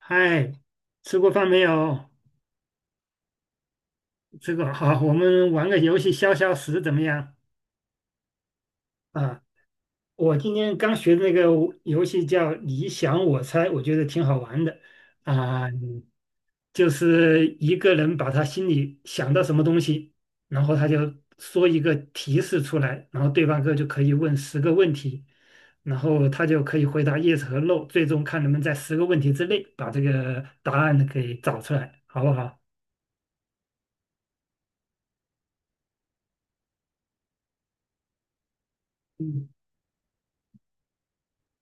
嗨，吃过饭没有？这个好，我们玩个游戏消消食怎么样？啊，我今天刚学的那个游戏叫"你想我猜"，我觉得挺好玩的。啊，就是一个人把他心里想到什么东西，然后他就说一个提示出来，然后对方哥就可以问十个问题，然后他就可以回答 yes 和 no，最终看能不能在十个问题之内把这个答案给找出来，好不好？嗯。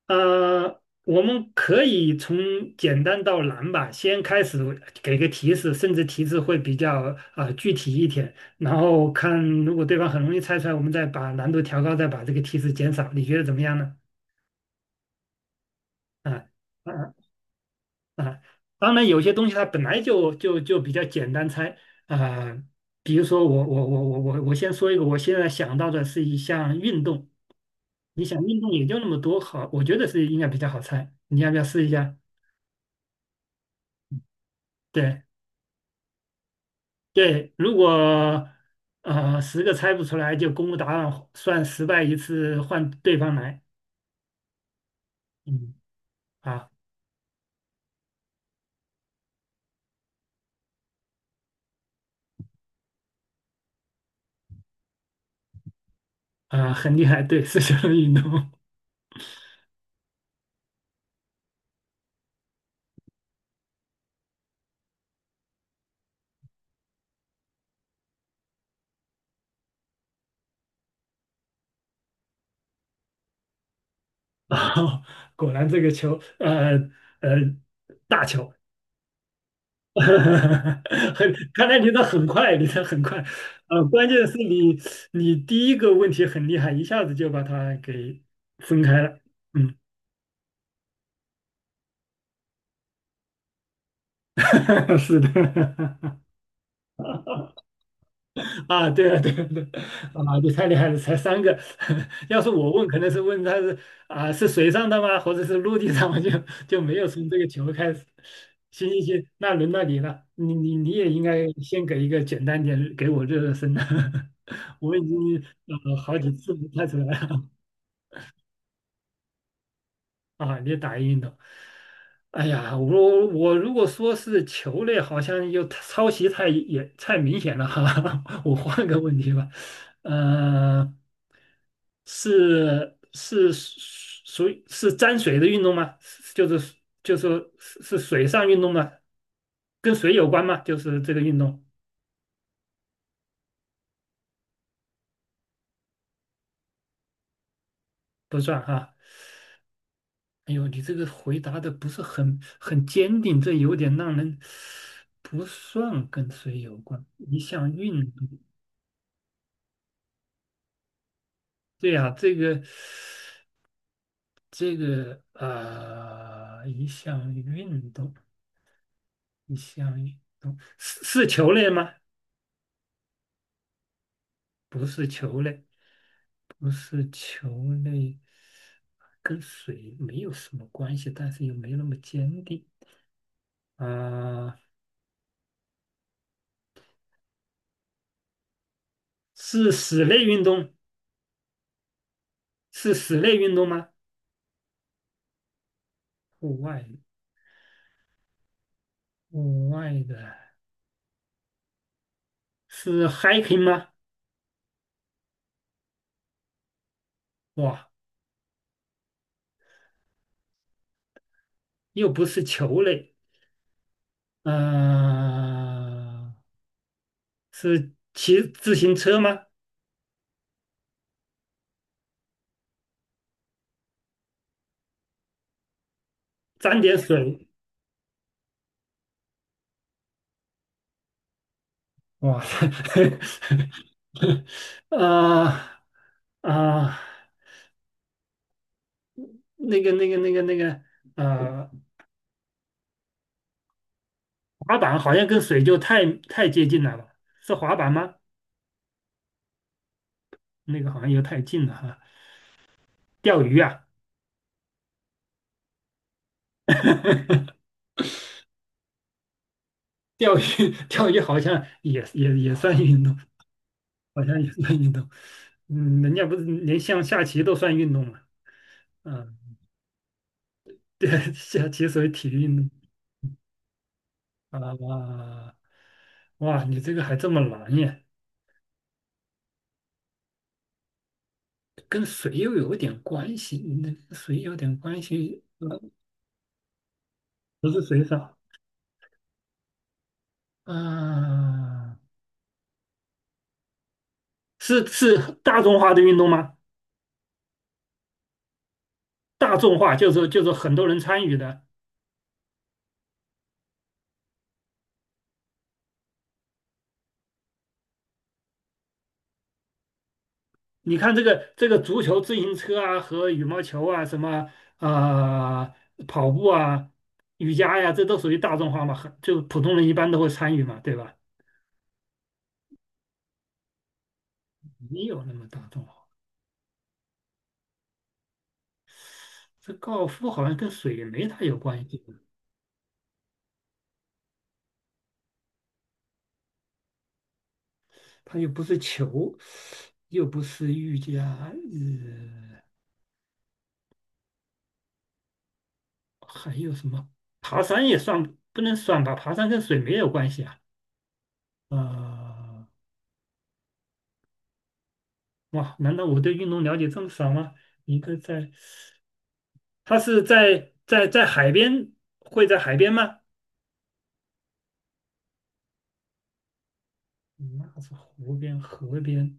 我们可以从简单到难吧，先开始给个提示，甚至提示会比较具体一点，然后看如果对方很容易猜出来，我们再把难度调高，再把这个提示减少，你觉得怎么样呢？啊啊啊！当然，有些东西它本来就比较简单猜啊、呃比如说我先说一个，我现在想到的是一项运动，你想运动也就那么多，好，我觉得是应该比较好猜，你要不要试一下？对。对，如果十个猜不出来，就公布答案，算失败一次，换对方来。嗯，啊啊，很厉害，对，是球类运动。啊，果然这个球，呃，呃，大球。很，看来你的很快，你的很快。关键是你第一个问题很厉害，一下子就把它给分开了。嗯。是的。啊，对啊，对啊，对啊，啊你太厉害了，才三个。要是我问，可能是问他是是水上的吗，或者是陆地上吗？就没有从这个球开始。行行行，那轮到你了，你也应该先给一个简单点，给我热热身啊。我已经好几次没猜出来了。啊，你打运动。哎呀，我如果说是球类，好像又太抄袭太也太明显了哈。我换个问题吧。呃，是属于是沾水的运动吗？是就是说是水上运动吗？跟水有关吗？就是这个运动不算哈。哎呦，你这个回答的不是很坚定，这有点让人不算跟水有关。一项运动，对呀、这个一项运动，一项运动是球类吗？不是球类，不是球类，跟水没有什么关系，但是又没那么坚定啊、是室内运动，是室内运动吗？户外，户外的。是 hiking 吗？哇，又不是球类。呃，是骑自行车吗？沾点水，哇。啊啊，那个那个那个那个，呃，滑板好像跟水就太接近了吧？是滑板吗？那个好像又太近了哈。钓鱼啊。钓鱼，钓鱼好像也算运动。好像也算运动。嗯，人家不是连像下棋都算运动嘛？嗯，对，下棋属于体育运动啊。哇，哇，你这个还这么难耶？跟水又有点关系，那个水有点关系，不是水手啊？是大众化的运动吗？大众化就是很多人参与的。你看这个足球、自行车啊和羽毛球啊，什么啊、跑步啊、瑜伽呀、这都属于大众化嘛，很就普通人一般都会参与嘛，对吧？没有那么大众化。这高尔夫好像跟水没太有关系，它又不是球，又不是瑜伽。还有什么？爬山也算不能算吧？爬山跟水没有关系啊。呃，哇，难道我对运动了解这么少吗？一个在它是在海边，会在海边吗？那是湖边、河边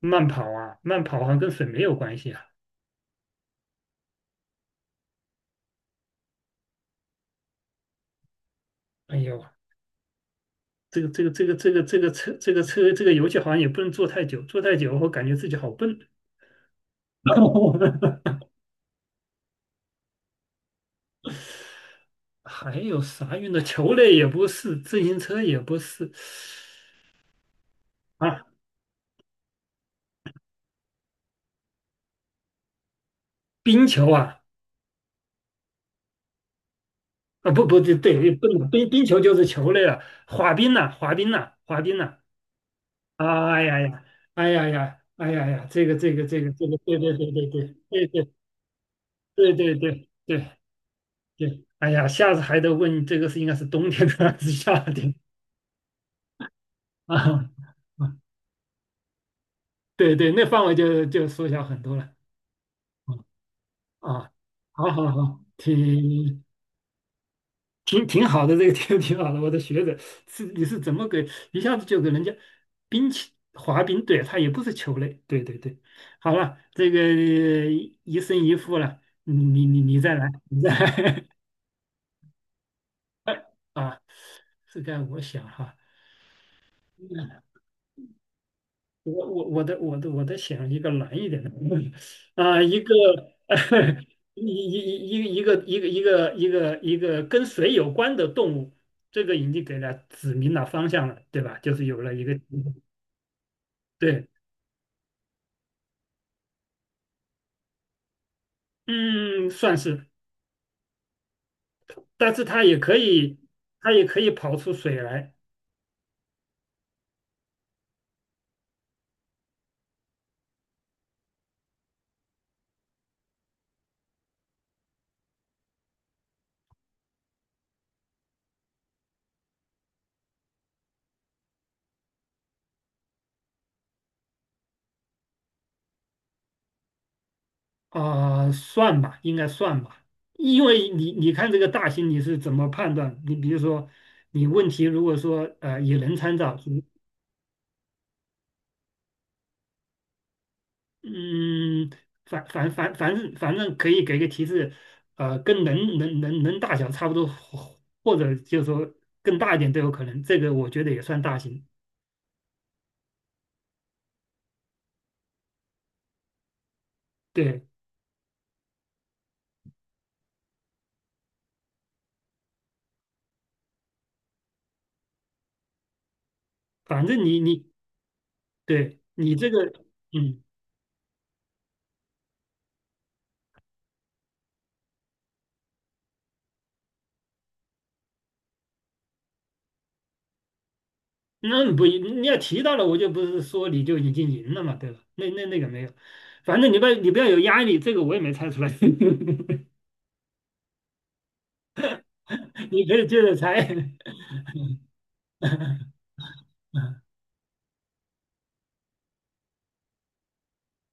慢跑啊，慢跑好像跟水没有关系啊。哎呦，这个这个这个这个这个车这个车这个游戏好像也不能坐太久，坐太久我感觉自己好笨。还有啥运动？球类也不是，自行车也不是。啊，冰球啊，啊不对对，不冰冰球就是球类了，滑冰呐、滑冰呐、滑冰呐、哎呀呀，哎呀呀，哎呀呀，对对对对对对对对对对对对，哎呀，下次还得问这个是应该是冬天的还是夏天啊？啊对对，那范围就缩小很多了。啊，啊好好好，挺好的，这个挺好的。我的学者是你是怎么给一下子就给人家冰球滑冰？对，他也不是球类。对对对，好了，这个一胜一负了，你再来，你再来。 啊！这该我想哈。我的想一个难一点的。 啊，一个 一一一个跟水有关的动物，这个已经给了指明了方向了，对吧？就是有了一个对，嗯，算是，但是它也可以，它也可以跑出水来啊，算吧，应该算吧，因为你看这个大型你是怎么判断？你比如说，你问题如果说也能参照，嗯，反正可以给个提示。跟能大小差不多，或者就是说更大一点都有可能。这个我觉得也算大型。对，反正你对你这个。嗯，那不一你要提到了，我就不是说你就已经赢了嘛，对吧？那那个没有，反正你不要有压力，这个我也没猜出来。你可以接着猜。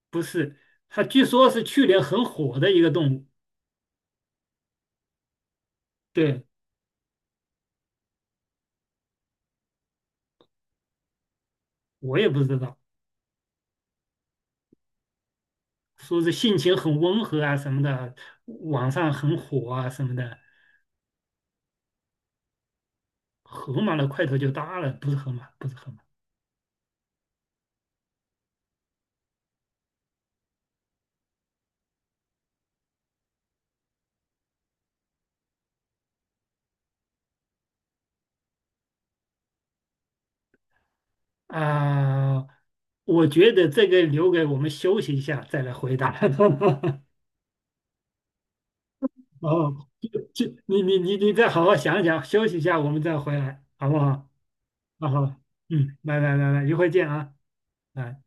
不是，它据说是去年很火的一个动物，对，我也不知道。说是性情很温和啊什么的，网上很火啊什么的。河马的块头就大了，不是河马，不是河马啊、我觉得这个留给我们休息一下再来回答。哦，就你再好好想想，休息一下，我们再回来，好不好？好好，嗯，拜拜拜拜，一会儿见啊，拜。